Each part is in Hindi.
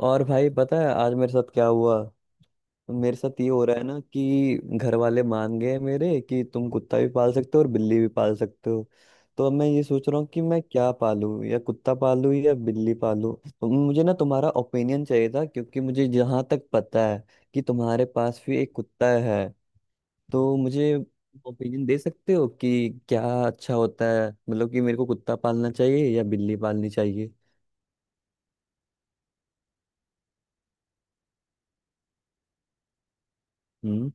और भाई पता है आज मेरे साथ क्या हुआ। मेरे साथ ये हो रहा है ना कि घर वाले मान गए मेरे कि तुम कुत्ता भी पाल सकते हो और बिल्ली भी पाल सकते हो। तो अब मैं ये सोच रहा हूँ कि मैं क्या पालूं या कुत्ता पालूं या बिल्ली पालूं। तो मुझे ना तुम्हारा ओपिनियन चाहिए था क्योंकि मुझे जहाँ तक पता है कि तुम्हारे पास भी एक कुत्ता है। तो मुझे ओपिनियन दे सकते हो कि क्या अच्छा होता है मतलब कि मेरे को कुत्ता पालना चाहिए या बिल्ली पालनी चाहिए। हम्म,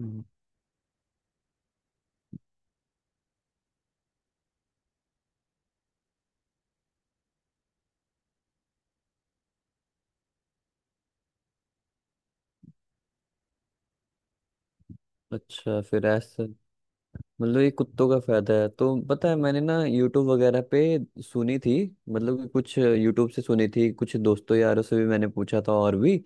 हम्म। अच्छा फिर ऐसा। मतलब ये कुत्तों का फायदा है तो पता है मैंने ना यूट्यूब वगैरह पे सुनी थी। मतलब कि कुछ यूट्यूब से सुनी थी कुछ दोस्तों यारों से भी मैंने पूछा था और भी।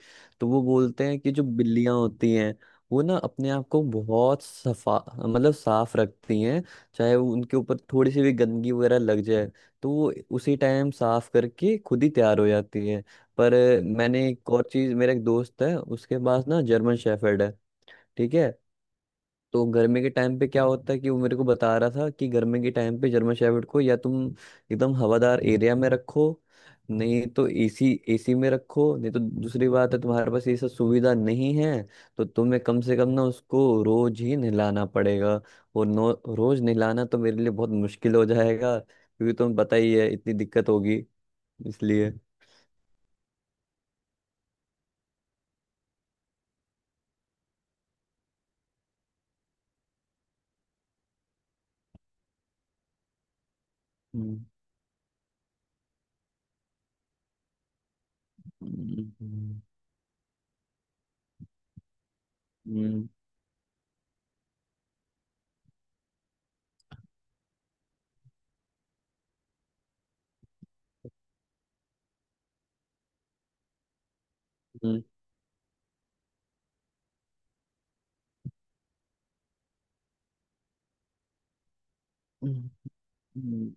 तो वो बोलते हैं कि जो बिल्लियां होती हैं वो ना अपने आप को बहुत सफा मतलब साफ रखती हैं। चाहे वो उनके ऊपर थोड़ी सी भी गंदगी वगैरह लग जाए तो वो उसी टाइम साफ करके खुद ही तैयार हो जाती है। पर मैंने एक और चीज मेरा एक दोस्त है उसके पास ना जर्मन शेफर्ड है। ठीक है। तो गर्मी के टाइम पे क्या होता है कि वो मेरे को बता रहा था कि गर्मी के टाइम पे जर्मन शेफर्ड को या तुम एकदम हवादार एरिया में रखो। नहीं तो एसी एसी में रखो नहीं तो दूसरी बात है तुम्हारे पास ये सब सुविधा नहीं है। तो तुम्हें कम से कम ना उसको रोज ही नहलाना पड़ेगा और नो रोज नहलाना तो मेरे लिए बहुत मुश्किल हो जाएगा क्योंकि तुम्हें पता ही है इतनी दिक्कत होगी। इसलिए। हम्म, हम्म, हम्म, हम्म, हम्म, हम्म, हम्म।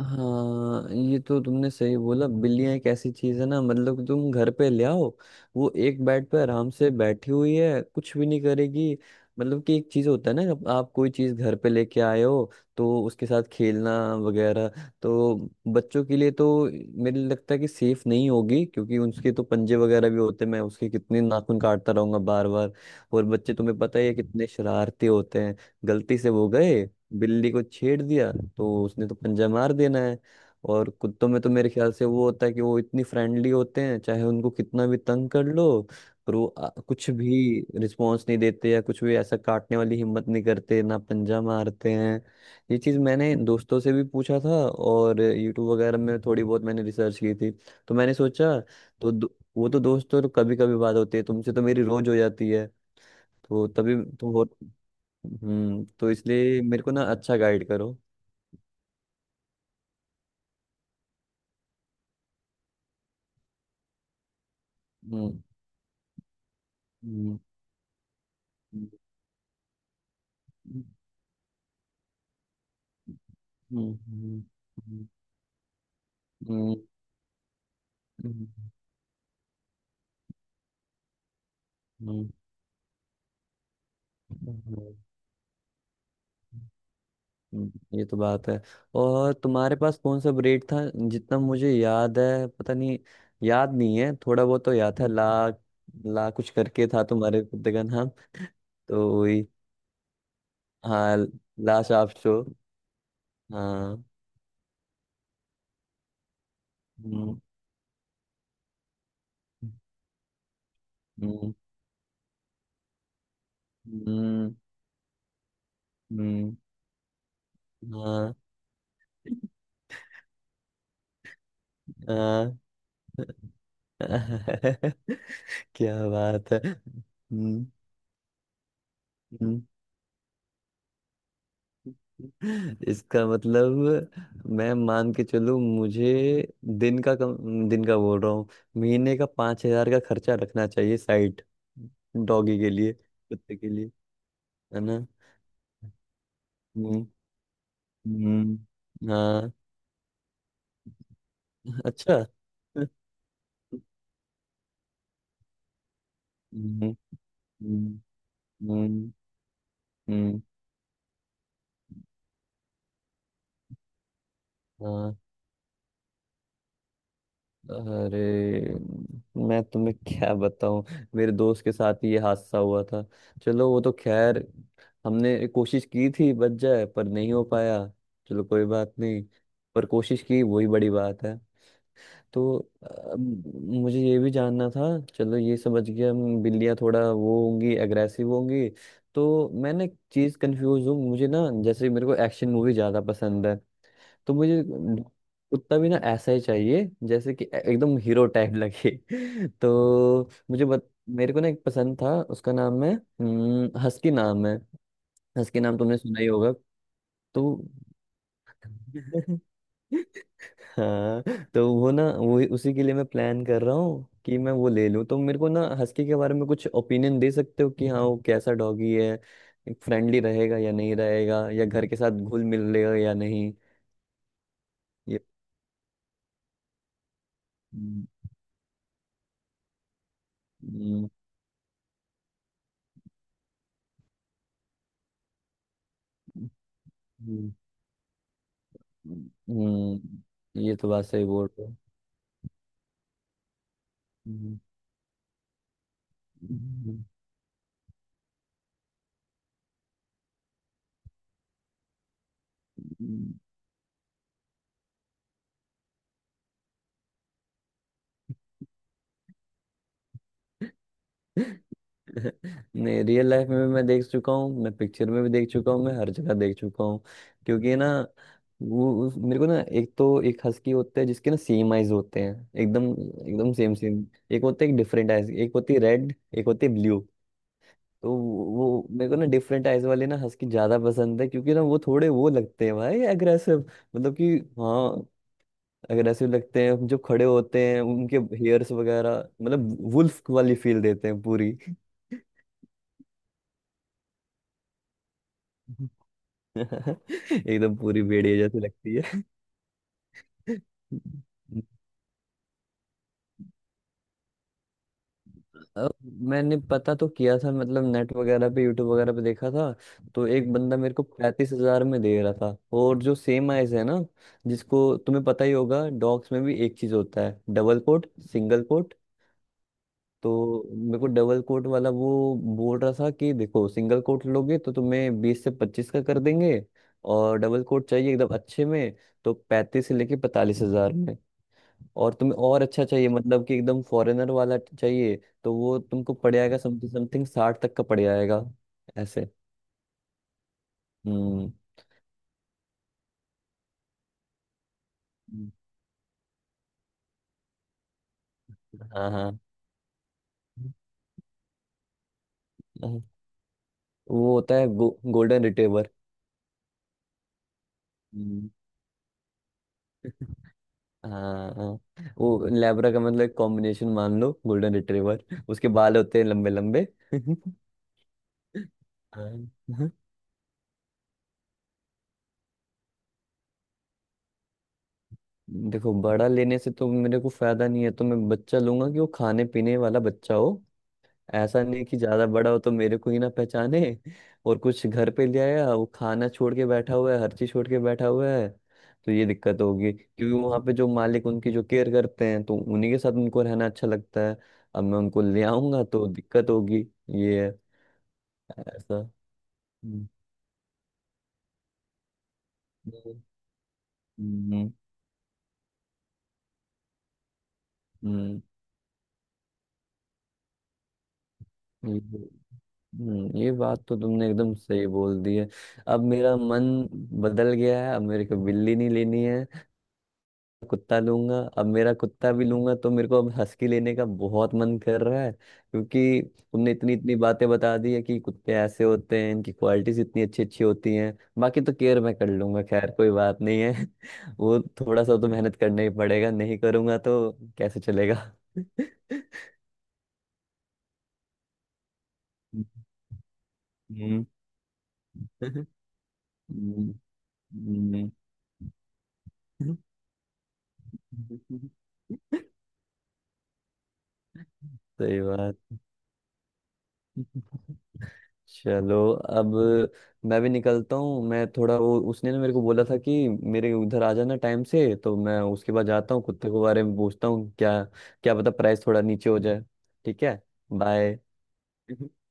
हाँ ये तो तुमने सही बोला बिल्लियां एक ऐसी चीज है ना मतलब तुम घर पे ले आओ वो एक बेड पे आराम से बैठी हुई है कुछ भी नहीं करेगी। मतलब कि एक चीज होता है ना जब आप कोई चीज घर पे लेके आए हो तो उसके साथ खेलना वगैरह। तो बच्चों के लिए तो मेरे लिए लगता है कि सेफ नहीं होगी क्योंकि उसके तो पंजे वगैरह भी होते हैं मैं उसके कितने नाखून काटता रहूंगा बार बार। और बच्चे तुम्हें पता ही है कितने शरारती होते हैं गलती से वो गए बिल्ली को छेड़ दिया तो उसने तो पंजा मार देना है। और कुत्तों में तो मेरे ख्याल से वो होता है कि वो इतनी फ्रेंडली होते हैं चाहे उनको कितना भी तंग कर लो पर वो कुछ भी रिस्पॉन्स नहीं देते या कुछ भी ऐसा काटने वाली हिम्मत नहीं करते ना पंजा मारते हैं। ये चीज़ मैंने दोस्तों से भी पूछा था और यूट्यूब वगैरह में थोड़ी बहुत मैंने रिसर्च की थी। तो मैंने सोचा तो दो- वो तो दोस्तों कभी कभी बात होती है तुमसे तो मेरी रोज हो जाती है तो तभी तो हो। हम्म। तो इसलिए मेरे को ना अच्छा गाइड करो। हम्म, हम्म, हम्म, हम्म, हम्म, हम्म, हम्म, हम्म, हम्म, हम्म। ये तो बात है। और तुम्हारे पास कौन सा ब्रेड था जितना मुझे याद है पता नहीं याद नहीं है थोड़ा बहुत तो याद था ला ला कुछ करके था तुम्हारे कुत्ते का नाम। तो वही हाँ ला शाप शो हाँ। हम्म, हम्म, हम्म, हम्म, हाँ हाँ। क्या बात है हम्म। हम्म। इसका मतलब मैं मान के चलूं मुझे दिन का बोल रहा हूँ महीने का 5,000 का खर्चा रखना चाहिए साइड डॉगी के लिए कुत्ते के लिए है ना। हम्म, हम्म, हाँ अच्छा। हम्म, हम्म, हम्म, हम्म, हाँ। अरे मैं तुम्हें क्या बताऊं मेरे दोस्त के साथ ही ये हादसा हुआ था। चलो वो तो खैर हमने कोशिश की थी बच जाए पर नहीं हो पाया। चलो कोई बात नहीं पर कोशिश की वही बड़ी बात है। तो अब मुझे ये भी जानना था चलो ये समझ गया हम बिल्लियाँ थोड़ा वो होंगी एग्रेसिव होंगी। तो मैं ना एक चीज़ कंफ्यूज हूँ मुझे ना जैसे मेरे को एक्शन मूवी ज़्यादा पसंद है। तो मुझे कुत्ता भी ना ऐसा ही चाहिए जैसे कि एकदम हीरो टाइप लगे। तो मेरे को ना एक पसंद था उसका नाम है हस्की नाम है। हस्की नाम तुमने सुना ही होगा तो। हाँ। तो वो ना वो उसी के लिए मैं प्लान कर रहा हूँ कि मैं वो ले लूँ तो मेरे को ना हस्की के बारे में कुछ ओपिनियन दे सकते हो कि हाँ वो कैसा डॉगी है फ्रेंडली रहेगा या नहीं रहेगा या घर के साथ घुल मिल लेगा या नहीं। ये हम्म, हम्म, हम्म, ये तो बात सही बोल रहे हो। हम्म। नहीं रियल लाइफ में भी मैं देख चुका हूँ मैं पिक्चर में भी देख चुका हूँ मैं हर जगह देख चुका हूँ क्योंकि ना मेरे को ना एक तो एक हस्की होता है जिसके ना सेम आइज होते हैं एकदम एकदम सेम सेम। एक होते हैं डिफरेंट आइज एक होती है रेड एक होती है ब्लू। तो वो मेरे को ना डिफरेंट आइज वाले ना हस्की ज्यादा पसंद है क्योंकि ना वो थोड़े वो लगते हैं भाई अग्रेसिव मतलब कि हाँ अगर ऐसे लगते हैं जो खड़े होते हैं उनके हेयर्स वगैरह मतलब वुल्फ वाली फील देते हैं पूरी। एकदम पूरी भेड़िया जैसी लगती है। अब मैंने पता तो किया था मतलब नेट वगैरह पे यूट्यूब वगैरह पे देखा था तो एक बंदा मेरे को 35,000 में दे रहा था और जो सेम आइज है ना जिसको तुम्हें पता ही होगा डॉग्स में भी एक चीज होता है डबल कोट सिंगल कोट। तो मेरे को डबल कोट वाला वो बोल रहा था कि देखो सिंगल कोट लोगे तो तुम्हें 20 से 25 का कर देंगे और डबल कोट चाहिए एकदम अच्छे में तो 35 से लेके 45 हजार में और तुम्हें और अच्छा चाहिए मतलब कि एकदम फॉरेनर वाला चाहिए तो वो तुमको पड़ जाएगा समथिंग समथिंग 60 तक का पड़ जाएगा ऐसे। हम्म, हाँ, हाँ, हाँ। वो होता है गोल्डन रिट्रीवर। हाँ वो लैब्रा का मतलब एक कॉम्बिनेशन मान लो गोल्डन रिट्रीवर उसके बाल होते हैं लंबे लंबे। हाँ, हाँ। देखो बड़ा लेने से तो मेरे को फायदा नहीं है तो मैं बच्चा लूंगा कि वो खाने पीने वाला बच्चा हो। ऐसा नहीं कि ज्यादा बड़ा हो तो मेरे को ही ना पहचाने और कुछ घर पे ले आया वो खाना छोड़ के बैठा हुआ है हर चीज छोड़ के बैठा हुआ है तो ये दिक्कत होगी क्योंकि वहां पे जो मालिक उनकी जो केयर करते हैं तो उन्हीं के साथ उनको रहना अच्छा लगता है अब मैं उनको ले आऊंगा तो दिक्कत होगी। ये है ऐसा। हम्म, हम्म, हम्म, हम्म, ये बात तो तुमने एकदम सही बोल दी है। अब मेरा मन बदल गया है अब मेरे को बिल्ली नहीं लेनी है कुत्ता लूंगा अब मेरा कुत्ता भी लूंगा तो मेरे को अब हस्की लेने का बहुत मन कर रहा है क्योंकि तुमने इतनी इतनी बातें बता दी है कि कुत्ते ऐसे होते हैं इनकी क्वालिटीज इतनी अच्छी अच्छी होती हैं बाकी तो केयर मैं कर लूंगा खैर कोई बात नहीं है। वो थोड़ा सा तो मेहनत करना ही पड़ेगा नहीं करूंगा तो कैसे चलेगा। हम्म, हम्म, हम्म, हम्म, सही बात। चलो अब मैं भी निकलता हूँ मैं थोड़ा वो उसने ना मेरे को बोला था कि मेरे उधर आ जाना टाइम से तो मैं उसके बाद जाता हूँ कुत्ते के बारे में पूछता हूँ क्या क्या पता प्राइस थोड़ा नीचे हो जाए। ठीक है। बाय।